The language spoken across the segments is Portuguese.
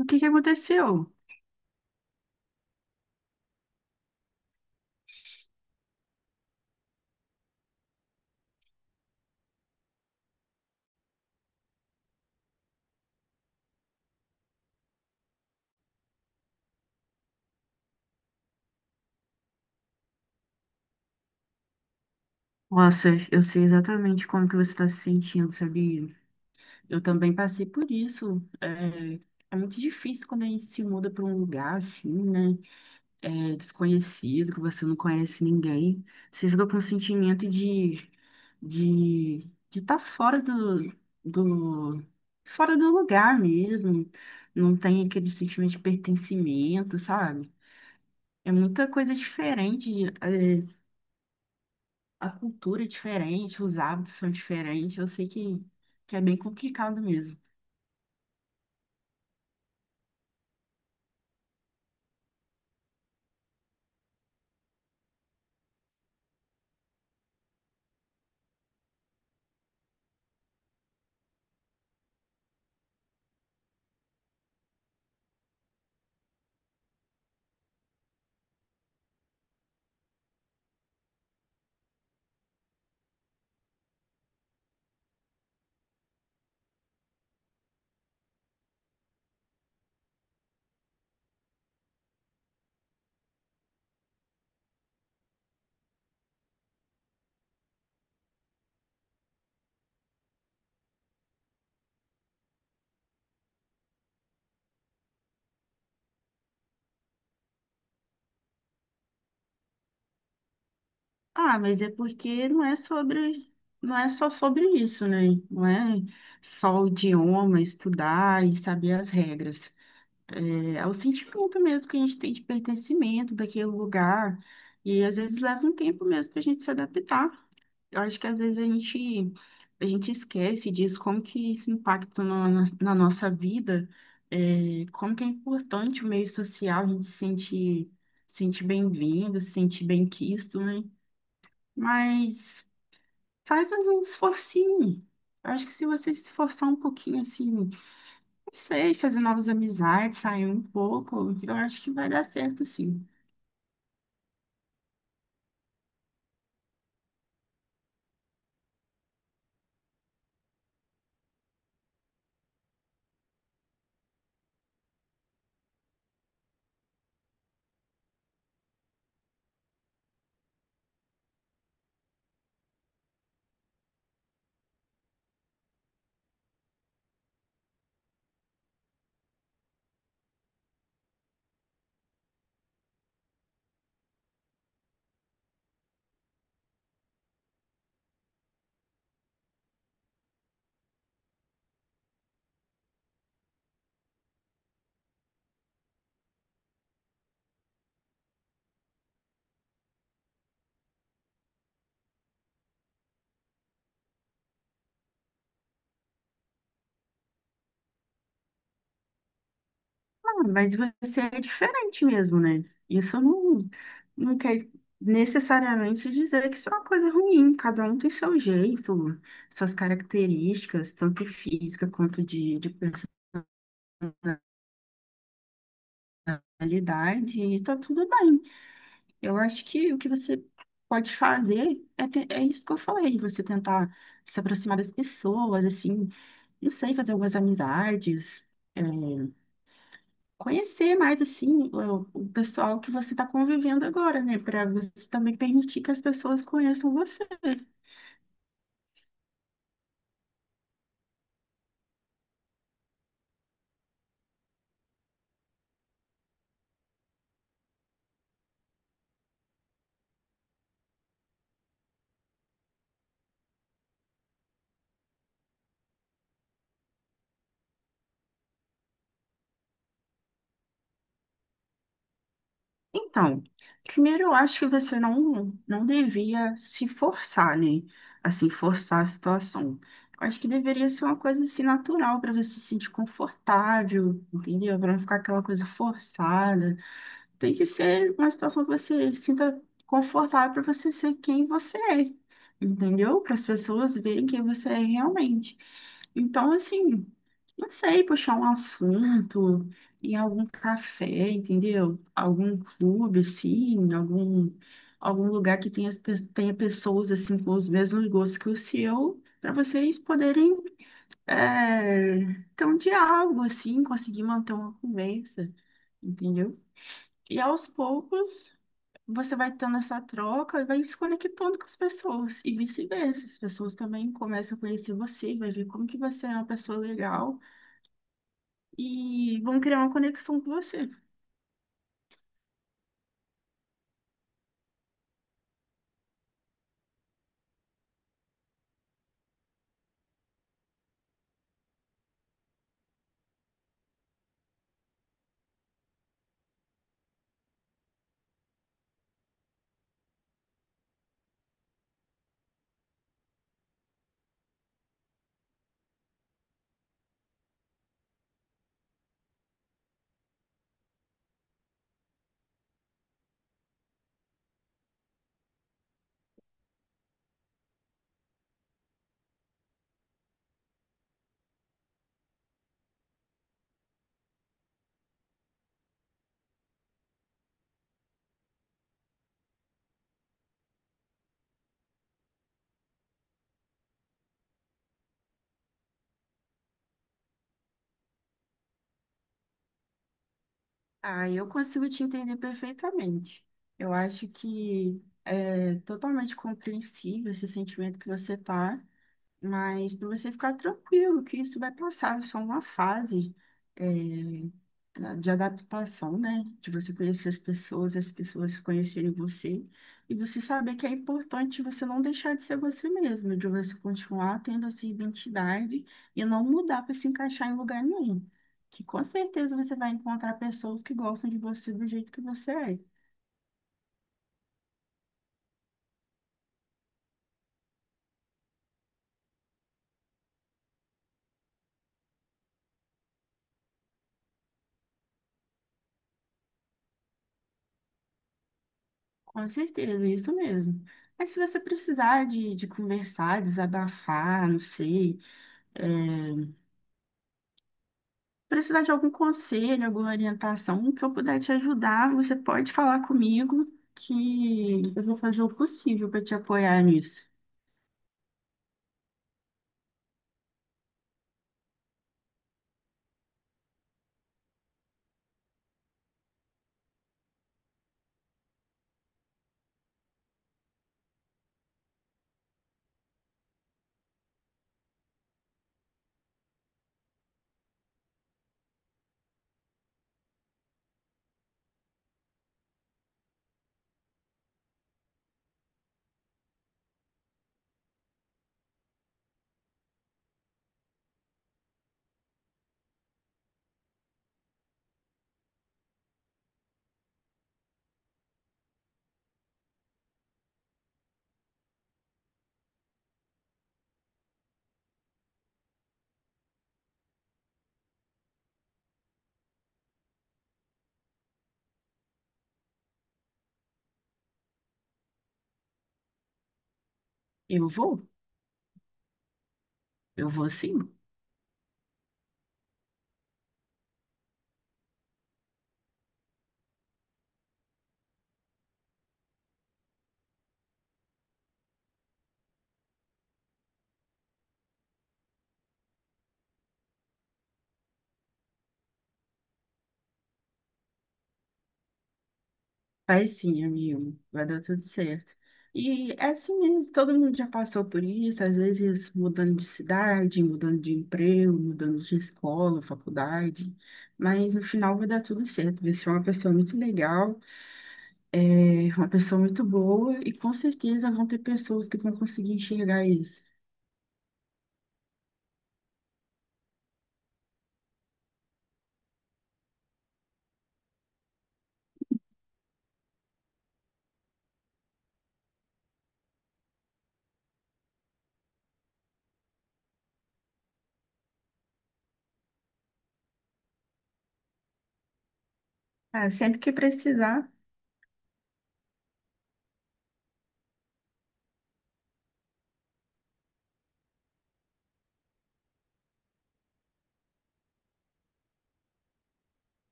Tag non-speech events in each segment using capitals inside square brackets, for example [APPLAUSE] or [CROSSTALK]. O que que aconteceu? Nossa, eu sei exatamente como que você está se sentindo, sabia? Eu também passei por isso. É muito difícil quando a gente se muda para um lugar assim, né? É, desconhecido, que você não conhece ninguém. Você fica com o sentimento de de estar fora do, fora do lugar mesmo. Não tem aquele sentimento de pertencimento, sabe? É muita coisa diferente, é, a cultura é diferente, os hábitos são diferentes. Eu sei que é bem complicado mesmo. Ah, mas é porque não é sobre, não é só sobre isso, né? Não é só o idioma, estudar e saber as regras. É o sentimento mesmo que a gente tem de pertencimento daquele lugar. E às vezes leva um tempo mesmo para a gente se adaptar. Eu acho que às vezes a gente esquece disso, como que isso impacta na nossa vida, é, como que é importante o meio social, a gente se sente, se sente bem-vindo, se sente bem-quisto, né? Mas faz um esforcinho. Eu acho que se você se esforçar um pouquinho, assim, não sei, fazer novas amizades, sair um pouco, eu acho que vai dar certo, sim. Ah, mas você é diferente mesmo, né? Isso não, não quer necessariamente dizer que isso é uma coisa ruim. Cada um tem seu jeito, suas características, tanto física quanto de personalidade, e tá tudo bem. Eu acho que o que você pode fazer é, é isso que eu falei, você tentar se aproximar das pessoas, assim, não sei, fazer algumas amizades. É, conhecer mais assim o pessoal que você está convivendo agora, né? Para você também permitir que as pessoas conheçam você. Então, primeiro eu acho que você não, não devia se forçar, né? Assim, forçar a situação. Eu acho que deveria ser uma coisa assim natural para você se sentir confortável, entendeu? Para não ficar aquela coisa forçada. Tem que ser uma situação que você se sinta confortável para você ser quem você é, entendeu? Para as pessoas verem quem você é realmente. Então, assim, não sei, puxar um assunto em algum café, entendeu? Algum clube, assim, algum, algum lugar que tenha, tenha pessoas, assim, com os mesmos gostos que o seu, para vocês poderem é, ter um diálogo, assim, conseguir manter uma conversa, entendeu? E aos poucos você vai tendo essa troca e vai se conectando com as pessoas. E vice-versa, as pessoas também começam a conhecer você, vai ver como que você é uma pessoa legal e vão criar uma conexão com você. Ah, eu consigo te entender perfeitamente. Eu acho que é totalmente compreensível esse sentimento que você tá. Mas para você ficar tranquilo, que isso vai passar, é só uma fase é, de adaptação, né? De você conhecer as pessoas conhecerem você, e você saber que é importante você não deixar de ser você mesmo, de você continuar tendo a sua identidade e não mudar para se encaixar em lugar nenhum. Que com certeza você vai encontrar pessoas que gostam de você do jeito que você é. Com certeza, é isso mesmo. Mas se você precisar de conversar, desabafar, não sei. É, precisar de algum conselho, alguma orientação, que eu puder te ajudar, você pode falar comigo que eu vou fazer o possível para te apoiar nisso. Eu vou, eu vou sim. Vai sim, amigo, vai dar tudo certo. E é assim mesmo, todo mundo já passou por isso, às vezes mudando de cidade, mudando de emprego, mudando de escola, faculdade, mas no final vai dar tudo certo. Você é uma pessoa muito legal. É uma pessoa muito boa e com certeza vão ter pessoas que vão conseguir enxergar isso. Ah, sempre que precisar,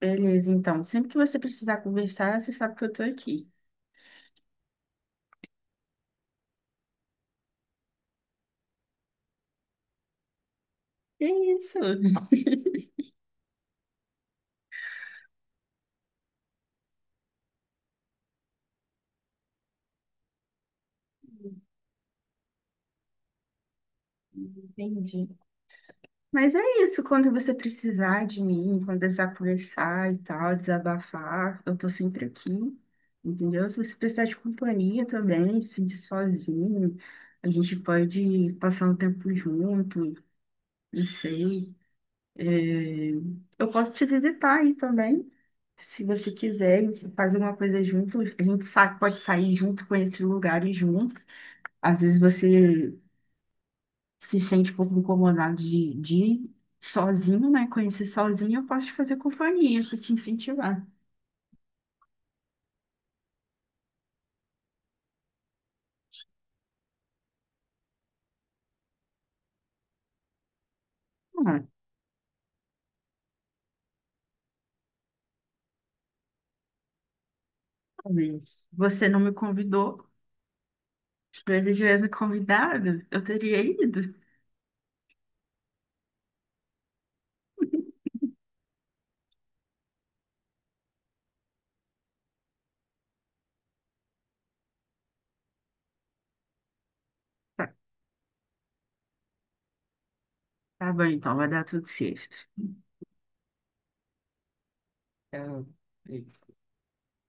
beleza, então. Sempre que você precisar conversar, você sabe que eu tô aqui. É isso. [LAUGHS] Entendi. Mas é isso, quando você precisar de mim, quando precisar conversar e tal, desabafar, eu tô sempre aqui, entendeu? Se você precisar de companhia também, se sentir sozinho, a gente pode passar um tempo junto, não sei. É, eu posso te visitar aí também, se você quiser, a gente faz alguma coisa junto, a gente pode sair junto, conhecer lugares juntos. Às vezes você se sente um pouco incomodado de ir sozinho, né? Conhecer sozinho, eu posso te fazer companhia, para te incentivar. Ah, talvez você não me convidou, se você tivesse me convidado, eu teria ido. Tá, tá bom, então, vai dar tudo certo. Então,